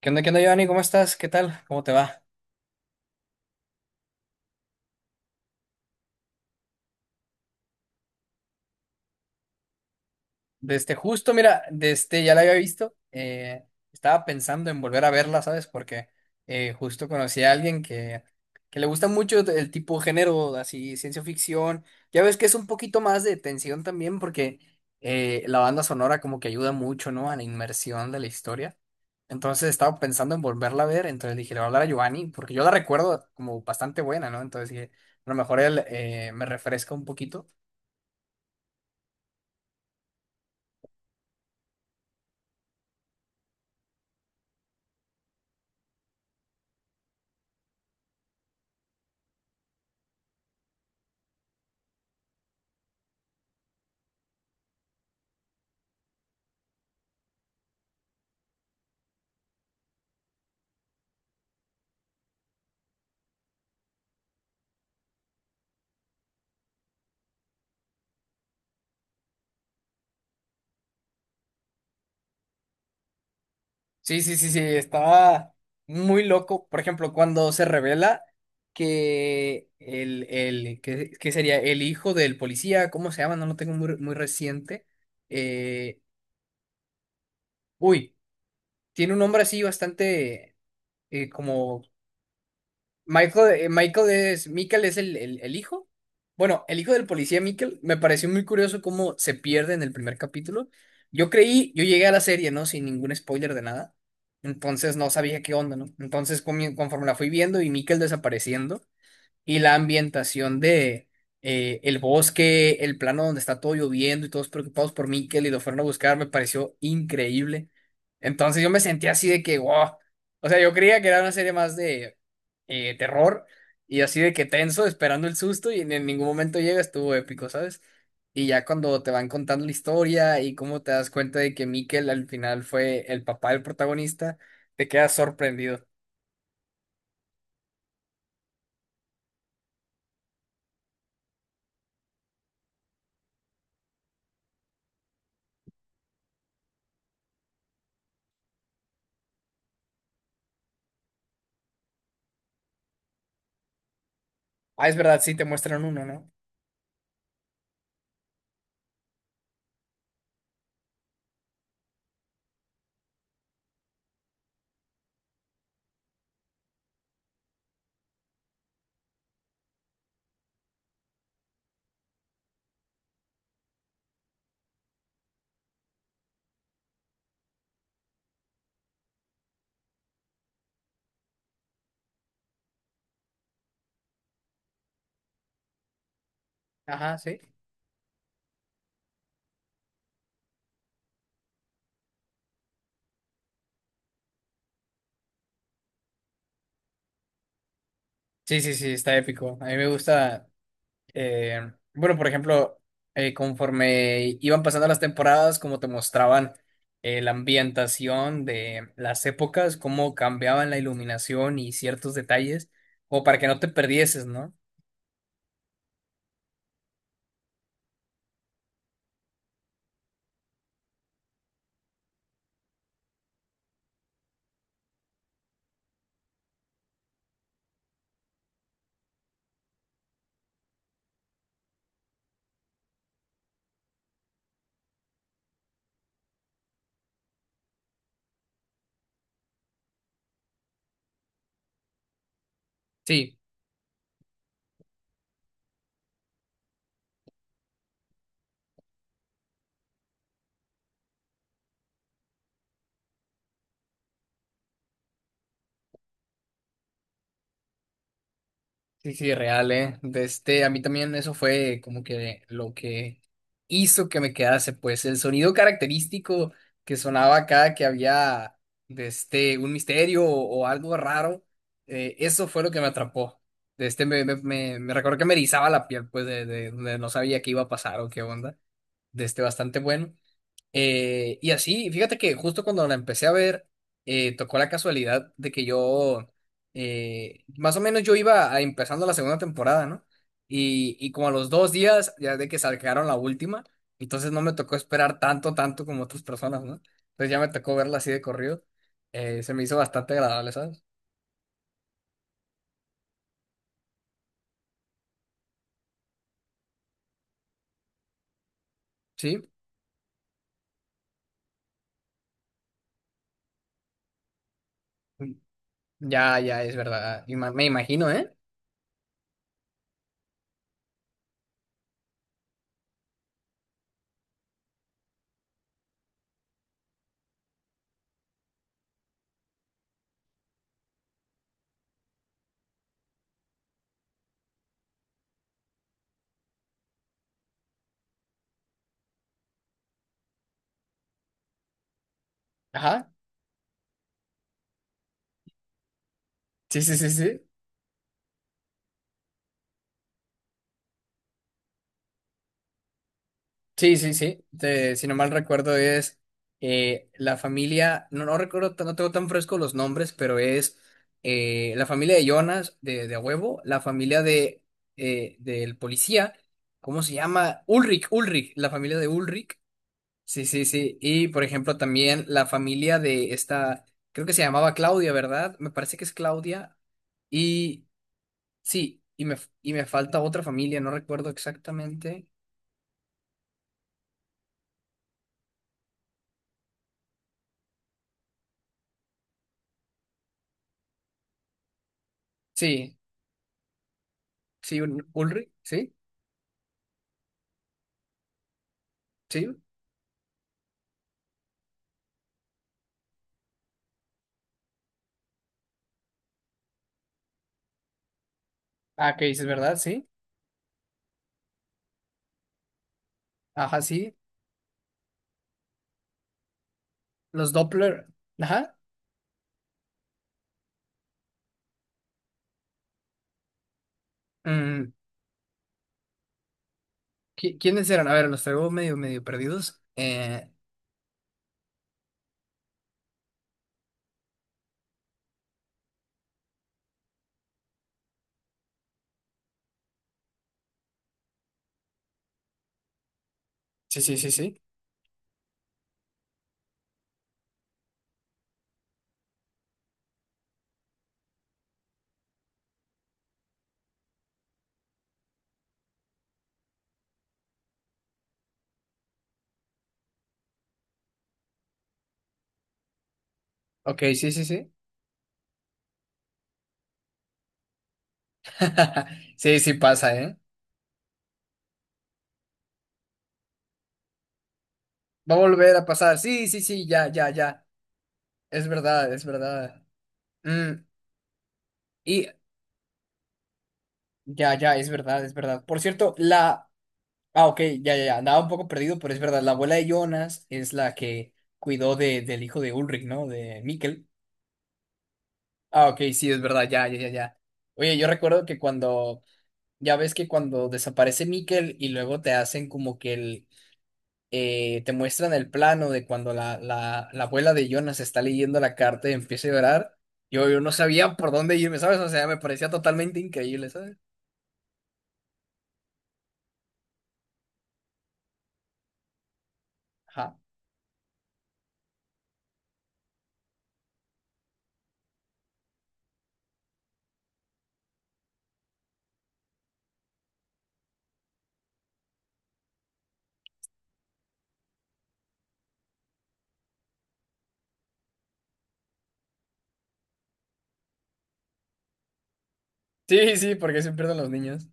Qué onda, Giovanni? ¿Cómo estás? ¿Qué tal? ¿Cómo te va? Desde justo, mira, desde ya la había visto. Estaba pensando en volver a verla, ¿sabes? Porque justo conocí a alguien que le gusta mucho el tipo de género, así, ciencia ficción. Ya ves que es un poquito más de tensión también, porque la banda sonora como que ayuda mucho, ¿no? A la inmersión de la historia. Entonces estaba pensando en volverla a ver, entonces dije, le voy a hablar a Giovanni, porque yo la recuerdo como bastante buena, ¿no? Entonces dije, a lo mejor él me refresca un poquito. Sí, sí, sí, sí, estaba muy loco. Por ejemplo, cuando se revela que el que sería el hijo del policía, ¿cómo se llama? No lo tengo muy, muy reciente. Eh, Uy, tiene un nombre así bastante como Michael. Michael es el hijo. Bueno, el hijo del policía Michael, me pareció muy curioso cómo se pierde en el primer capítulo. Yo creí, yo llegué a la serie, ¿no? Sin ningún spoiler de nada. Entonces no sabía qué onda, ¿no? Entonces conforme la fui viendo y Michael desapareciendo y la ambientación de el bosque, el plano donde está todo lloviendo y todos preocupados por Mikel y lo fueron a buscar, me pareció increíble. Entonces yo me sentía así de que, wow. O sea, yo creía que era una serie más de terror y así de que tenso, esperando el susto y en ningún momento llega, estuvo épico, ¿sabes? Y ya cuando te van contando la historia y cómo te das cuenta de que Mikel al final fue el papá del protagonista, te quedas sorprendido. Ah, es verdad, sí te muestran uno, ¿no? Ajá, sí. Sí, sí, sí, está épico. A mí me gusta, bueno, por ejemplo, conforme iban pasando las temporadas, como te mostraban la ambientación de las épocas, cómo cambiaban la iluminación y ciertos detalles, como para que no te perdieses, ¿no? Sí. Sí, sí, real, ¿eh? De este, a mí también eso fue como que lo que hizo que me quedase, pues el sonido característico que sonaba cada que había de este, un misterio o algo raro, eso fue lo que me atrapó. De este, me recuerdo que me erizaba la piel, pues de no sabía qué iba a pasar o qué onda. De este, bastante bueno. Y así, fíjate que justo cuando la empecé a ver, tocó la casualidad de que yo, más o menos yo empezando la segunda temporada, ¿no? Y como a los dos días, ya de que sacaron la última, entonces no me tocó esperar tanto, tanto como otras personas, ¿no? Entonces ya me tocó verla así de corrido. Se me hizo bastante agradable, ¿sabes? Sí, ya, ya, es verdad. Me imagino, ¿eh? Ajá. Sí, sí, sí, sí. Sí, sí, sí. Si no mal recuerdo es la familia, no, no recuerdo, no tengo tan fresco los nombres, pero es la familia de Jonas, de a huevo, la familia de del policía, ¿cómo se llama? Ulrich, Ulrich, la familia de Ulrich. Sí, sí, sí. Y por ejemplo también la familia de esta, creo que se llamaba Claudia, ¿verdad? Me parece que es Claudia. Y sí, y me falta otra familia, no recuerdo exactamente. Sí, sí, Ulrich, ¿sí? Sí. Ah, que dices, ¿verdad? Sí. Ajá, sí. Los Doppler. Ajá. Mm, ¿Quiénes eran? A ver, los traigo medio, medio perdidos. Sí, sí, sí, sí. Ok, sí, sí, sí. Sí, sí pasa, ¿eh? Va a volver a pasar. Sí, sí, sí, ya, ya, ya. Es verdad, es verdad. Mm, y ya, ya, es verdad, es verdad. Por cierto, la... Ah, ok, ya, ya, ya. Andaba un poco perdido, pero es verdad. La abuela de Jonas es la que cuidó de, del hijo de Ulrich, ¿no? De Mikkel. Ah, ok, sí, es verdad, ya, ya, ya, ya. Oye, yo recuerdo que cuando, ya ves que cuando desaparece Mikkel y luego te hacen como que el, te muestran el plano de cuando la abuela de Jonas está leyendo la carta y empieza a llorar, yo no sabía por dónde irme, ¿sabes? O sea, me parecía totalmente increíble, ¿sabes? Ajá. Sí, sí, porque se pierden los niños.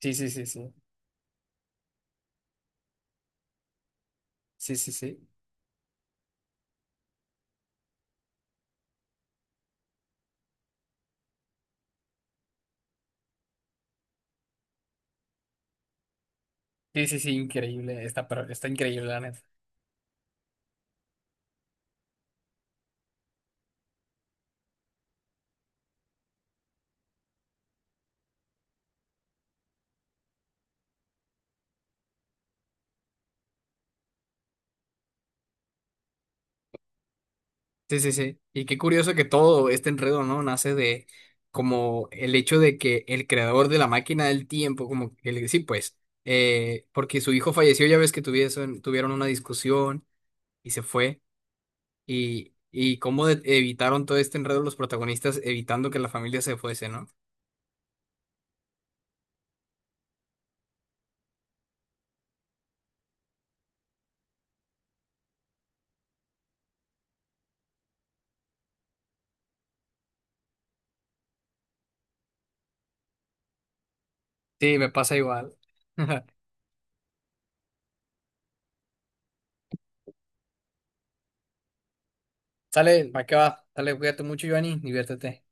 Sí, sí, sí, sí. Sí, sí, sí. Sí, sí, sí, increíble. Está, pero está increíble, la neta. Sí, sí, sí. Y qué curioso que todo este enredo, ¿no? Nace de como el hecho de que el creador de la máquina del tiempo, sí, pues, porque su hijo falleció, ya ves que tuvieron una discusión y se fue, y cómo evitaron todo este enredo los protagonistas evitando que la familia se fuese, ¿no? Sí, me pasa igual. Sale, ¿para qué va? Sale, cuídate mucho, Giovanni, diviértete.